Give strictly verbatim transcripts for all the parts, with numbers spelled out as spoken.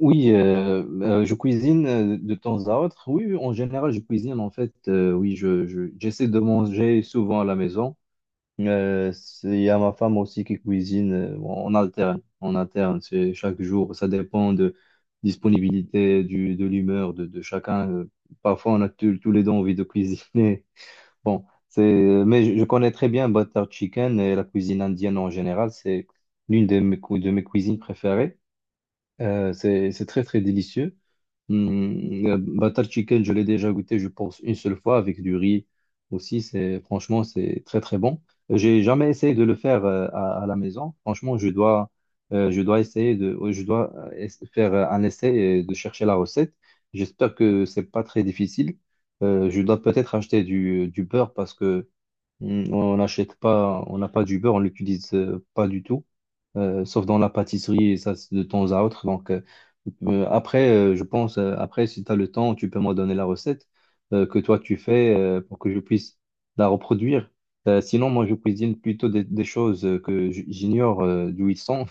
Oui, euh, euh, je cuisine euh, de temps à autre. Oui, oui, en général, je cuisine en fait. Euh, oui, je, je- j'essaie de manger souvent à la maison. Euh, c'est- Il y a ma femme aussi qui cuisine. Euh, bon, on alterne, on alterne. C'est chaque jour. Ça dépend de disponibilité, du, de l'humeur de, de chacun. Euh, Parfois, on a tous tous les deux envie de cuisiner. Bon, c'est. Mais je, je connais très bien butter chicken et la cuisine indienne en général. C'est l'une de mes, cou- de mes cuisines préférées. Euh, c'est, c'est, très très délicieux. Hum, le butter chicken, je l'ai déjà goûté, je pense, une seule fois avec du riz aussi. C'est, franchement, c'est très très bon. J'ai jamais essayé de le faire euh, à, à la maison. Franchement, je dois, euh, je dois essayer de, euh, je dois euh, es- faire un essai et de chercher la recette. J'espère que c'est pas très difficile. Euh, je dois peut-être acheter du, du beurre parce que Mm, on n'achète pas, on n'a pas du beurre, on l'utilise euh, pas du tout, euh, sauf dans la pâtisserie et ça c'est de temps à autre. Donc euh, euh, après, euh, je pense, euh, après, si tu as le temps, tu peux me donner la recette euh, que toi tu fais euh, pour que je puisse la reproduire. Euh, sinon, moi je cuisine plutôt des, des choses euh, que j- j'ignore euh, d'où ils sont.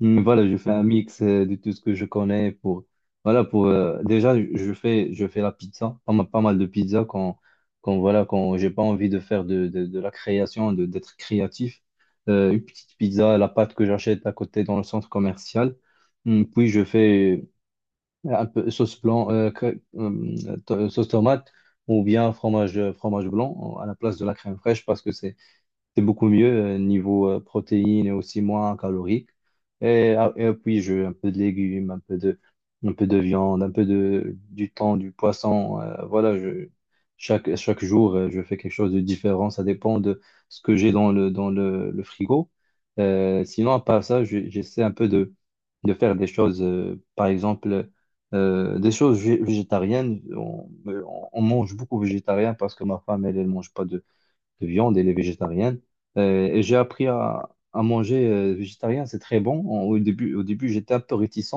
Mm, Voilà, je fais un mix euh, de tout ce que je connais pour voilà, pour euh, déjà, je fais je fais la pizza pas mal, pas mal de pizza quand quand voilà, quand j'ai pas envie de faire de, de, de la création de d'être créatif. Euh, une petite pizza, la pâte que j'achète à côté dans le centre commercial, Mm, puis je fais un peu sauce blanc euh, cr- euh, to- sauce tomate, ou bien fromage fromage blanc à la place de la crème fraîche, parce que c'est c'est beaucoup mieux euh, niveau euh, protéines et aussi moins calorique. Et, ah, et puis, je, un peu de légumes, un peu de, un peu de viande, un peu de, du thon, du poisson. Euh, voilà, je, chaque, chaque jour, euh, je fais quelque chose de différent. Ça dépend de ce que j'ai dans le, dans le, le frigo. Euh, sinon, à part ça, je- j'essaie un peu de, de faire des choses, euh, par exemple, euh, des choses vég- végétariennes. On, on on mange beaucoup végétarien parce que ma femme, elle, elle mange pas de de viande, elle est végétarienne. Euh, et j'ai appris à, à manger euh, végétarien, c'est très bon. En- au début, au début j'étais un peu réticent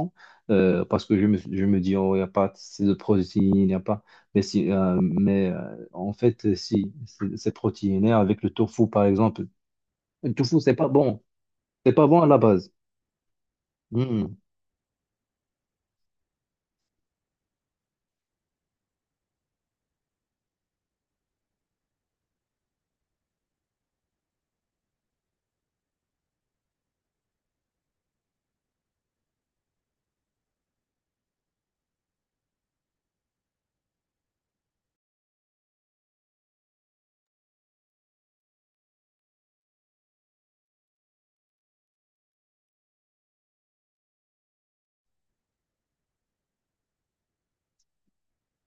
euh, parce que je me, je me dis, oh, il n'y a pas assez de protéines, il n'y a pas. Mais, si, euh, mais euh, en fait, si, c'est c'est protéiné avec le tofu, par exemple. Le tofu, c'est pas bon. C'est pas bon à la base. Hmm.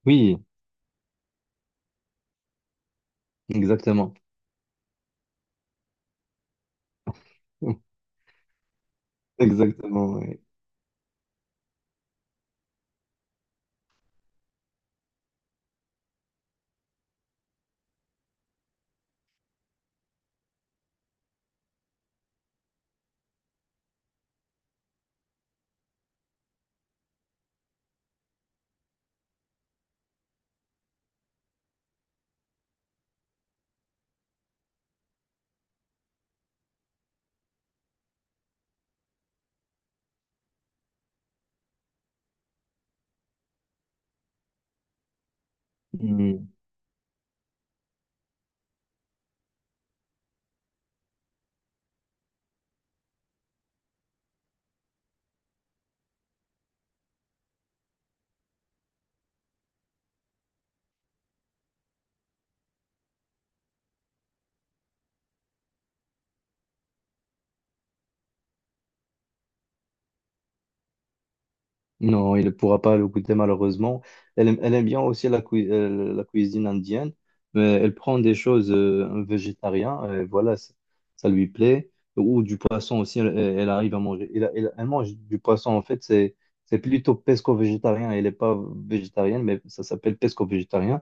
Oui, exactement. Exactement, oui. Non, il ne pourra pas le goûter malheureusement. Elle aime, elle aime bien aussi la, cui- euh, la cuisine indienne, mais elle prend des choses euh, végétariennes, et voilà, ça, ça lui plaît. Ou du poisson aussi, elle, elle arrive à manger. Elle, elle- elle mange du poisson, en fait, c'est c'est plutôt pesco-végétarien. Elle n'est pas végétarienne, mais ça s'appelle pesco-végétarien.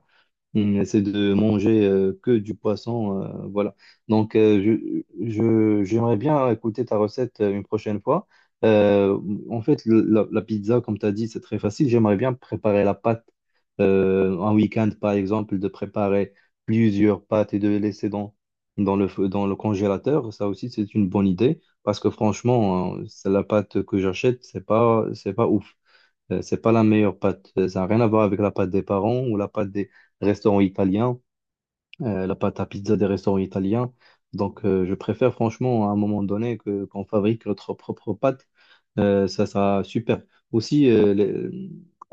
Mm, C'est de manger euh, que du poisson, euh, voilà. Donc, euh, je, je- j'aimerais bien écouter ta recette euh, une prochaine fois. Euh, En fait, le- la, la pizza, comme tu as dit, c'est très facile. J'aimerais bien préparer la pâte euh, un week-end, par exemple, de préparer plusieurs pâtes et de les laisser dans, dans le, feu- dans le congélateur. Ça aussi, c'est une bonne idée parce que franchement, hein, c'est la pâte que j'achète, c'est pas, c'est pas ouf. Euh, c'est pas la meilleure pâte. Euh, Ça n'a rien à voir avec la pâte des parents, ou la pâte des restaurants italiens, euh, la pâte à pizza des restaurants italiens. Donc, euh, je préfère franchement, à un moment donné, que qu'on fabrique notre propre pâte. Euh, ça sera super. Aussi, euh, les,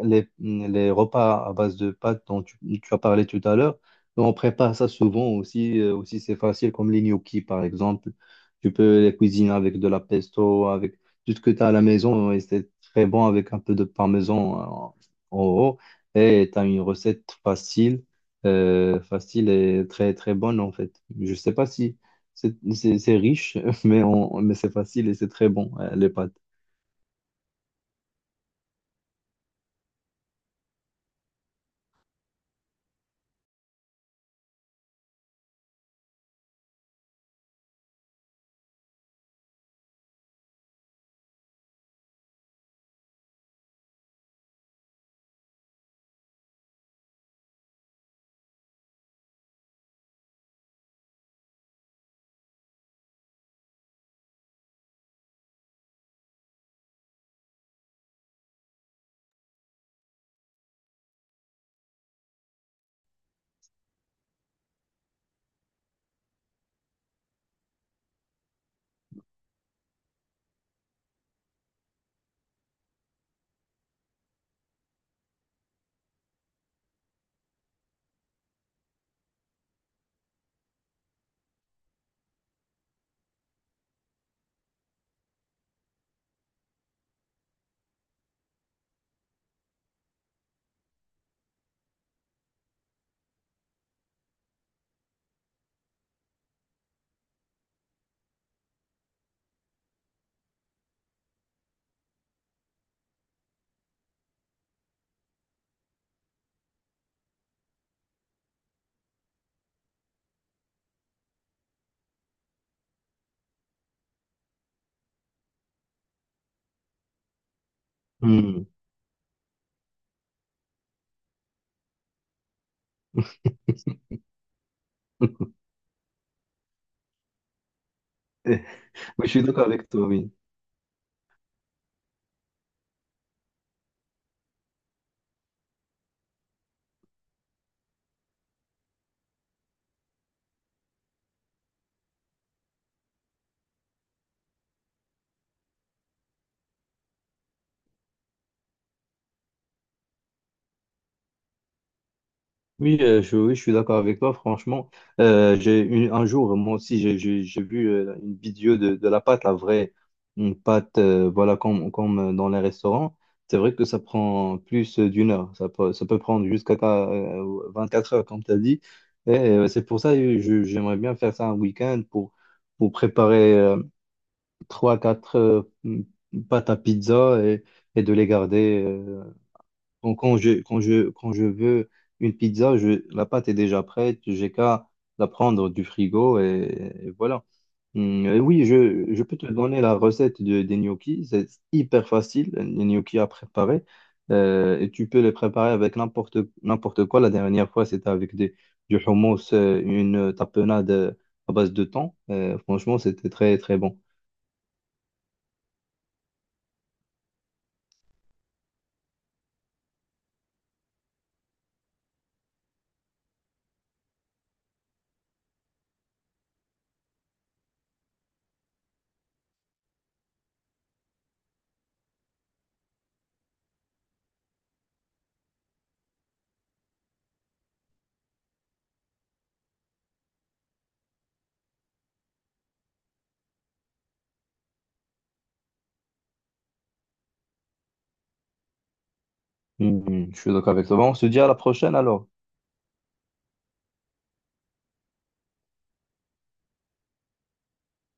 les, les repas à base de pâte dont tu, tu as parlé tout à l'heure, on prépare ça souvent aussi. Euh, aussi, c'est facile, comme les gnocchis, par exemple. Tu peux les cuisiner avec de la pesto, avec tout ce que tu as à la maison. Et c'est très bon avec un peu de parmesan en en haut. Et tu as une recette facile, euh, facile et très très bonne en fait. Je sais pas si c'est c'est- c'est riche, mais, on, mais c'est facile et c'est très bon, euh, les pâtes. Hmm. Oui, je suis d'accord avec toi, oui. Oui, euh, je, oui, je suis d'accord avec toi, franchement. Euh, j'ai eu- un jour, moi aussi, j'ai j'ai- j'ai vu euh, une vidéo de, de la pâte, la vraie, une pâte, euh, voilà, comme, comme euh, dans les restaurants. C'est vrai que ça prend plus euh, d'une heure. Ça peut, ça peut prendre jusqu'à ta- euh, vingt-quatre heures, comme tu as dit. Et euh, c'est pour ça que je- j'aimerais bien faire ça un week-end pour, pour, préparer euh, trois quatre euh, pâtes à pizza, et, et de les garder. Euh, quand, quand je, quand je, quand je veux une pizza, je, la pâte est déjà prête, j'ai qu'à la prendre du frigo, et, et voilà. Hum, et oui, je, je peux te donner la recette de, des gnocchis, c'est hyper facile, les gnocchis à préparer. Euh, et tu peux les préparer avec n'importe n'importe quoi. La dernière fois, c'était avec des, du hummus, euh, une tapenade euh, à base de thon. Euh, franchement, c'était très, très bon. Hum, hum, je suis d'accord avec toi. Bon, on se dit à la prochaine alors.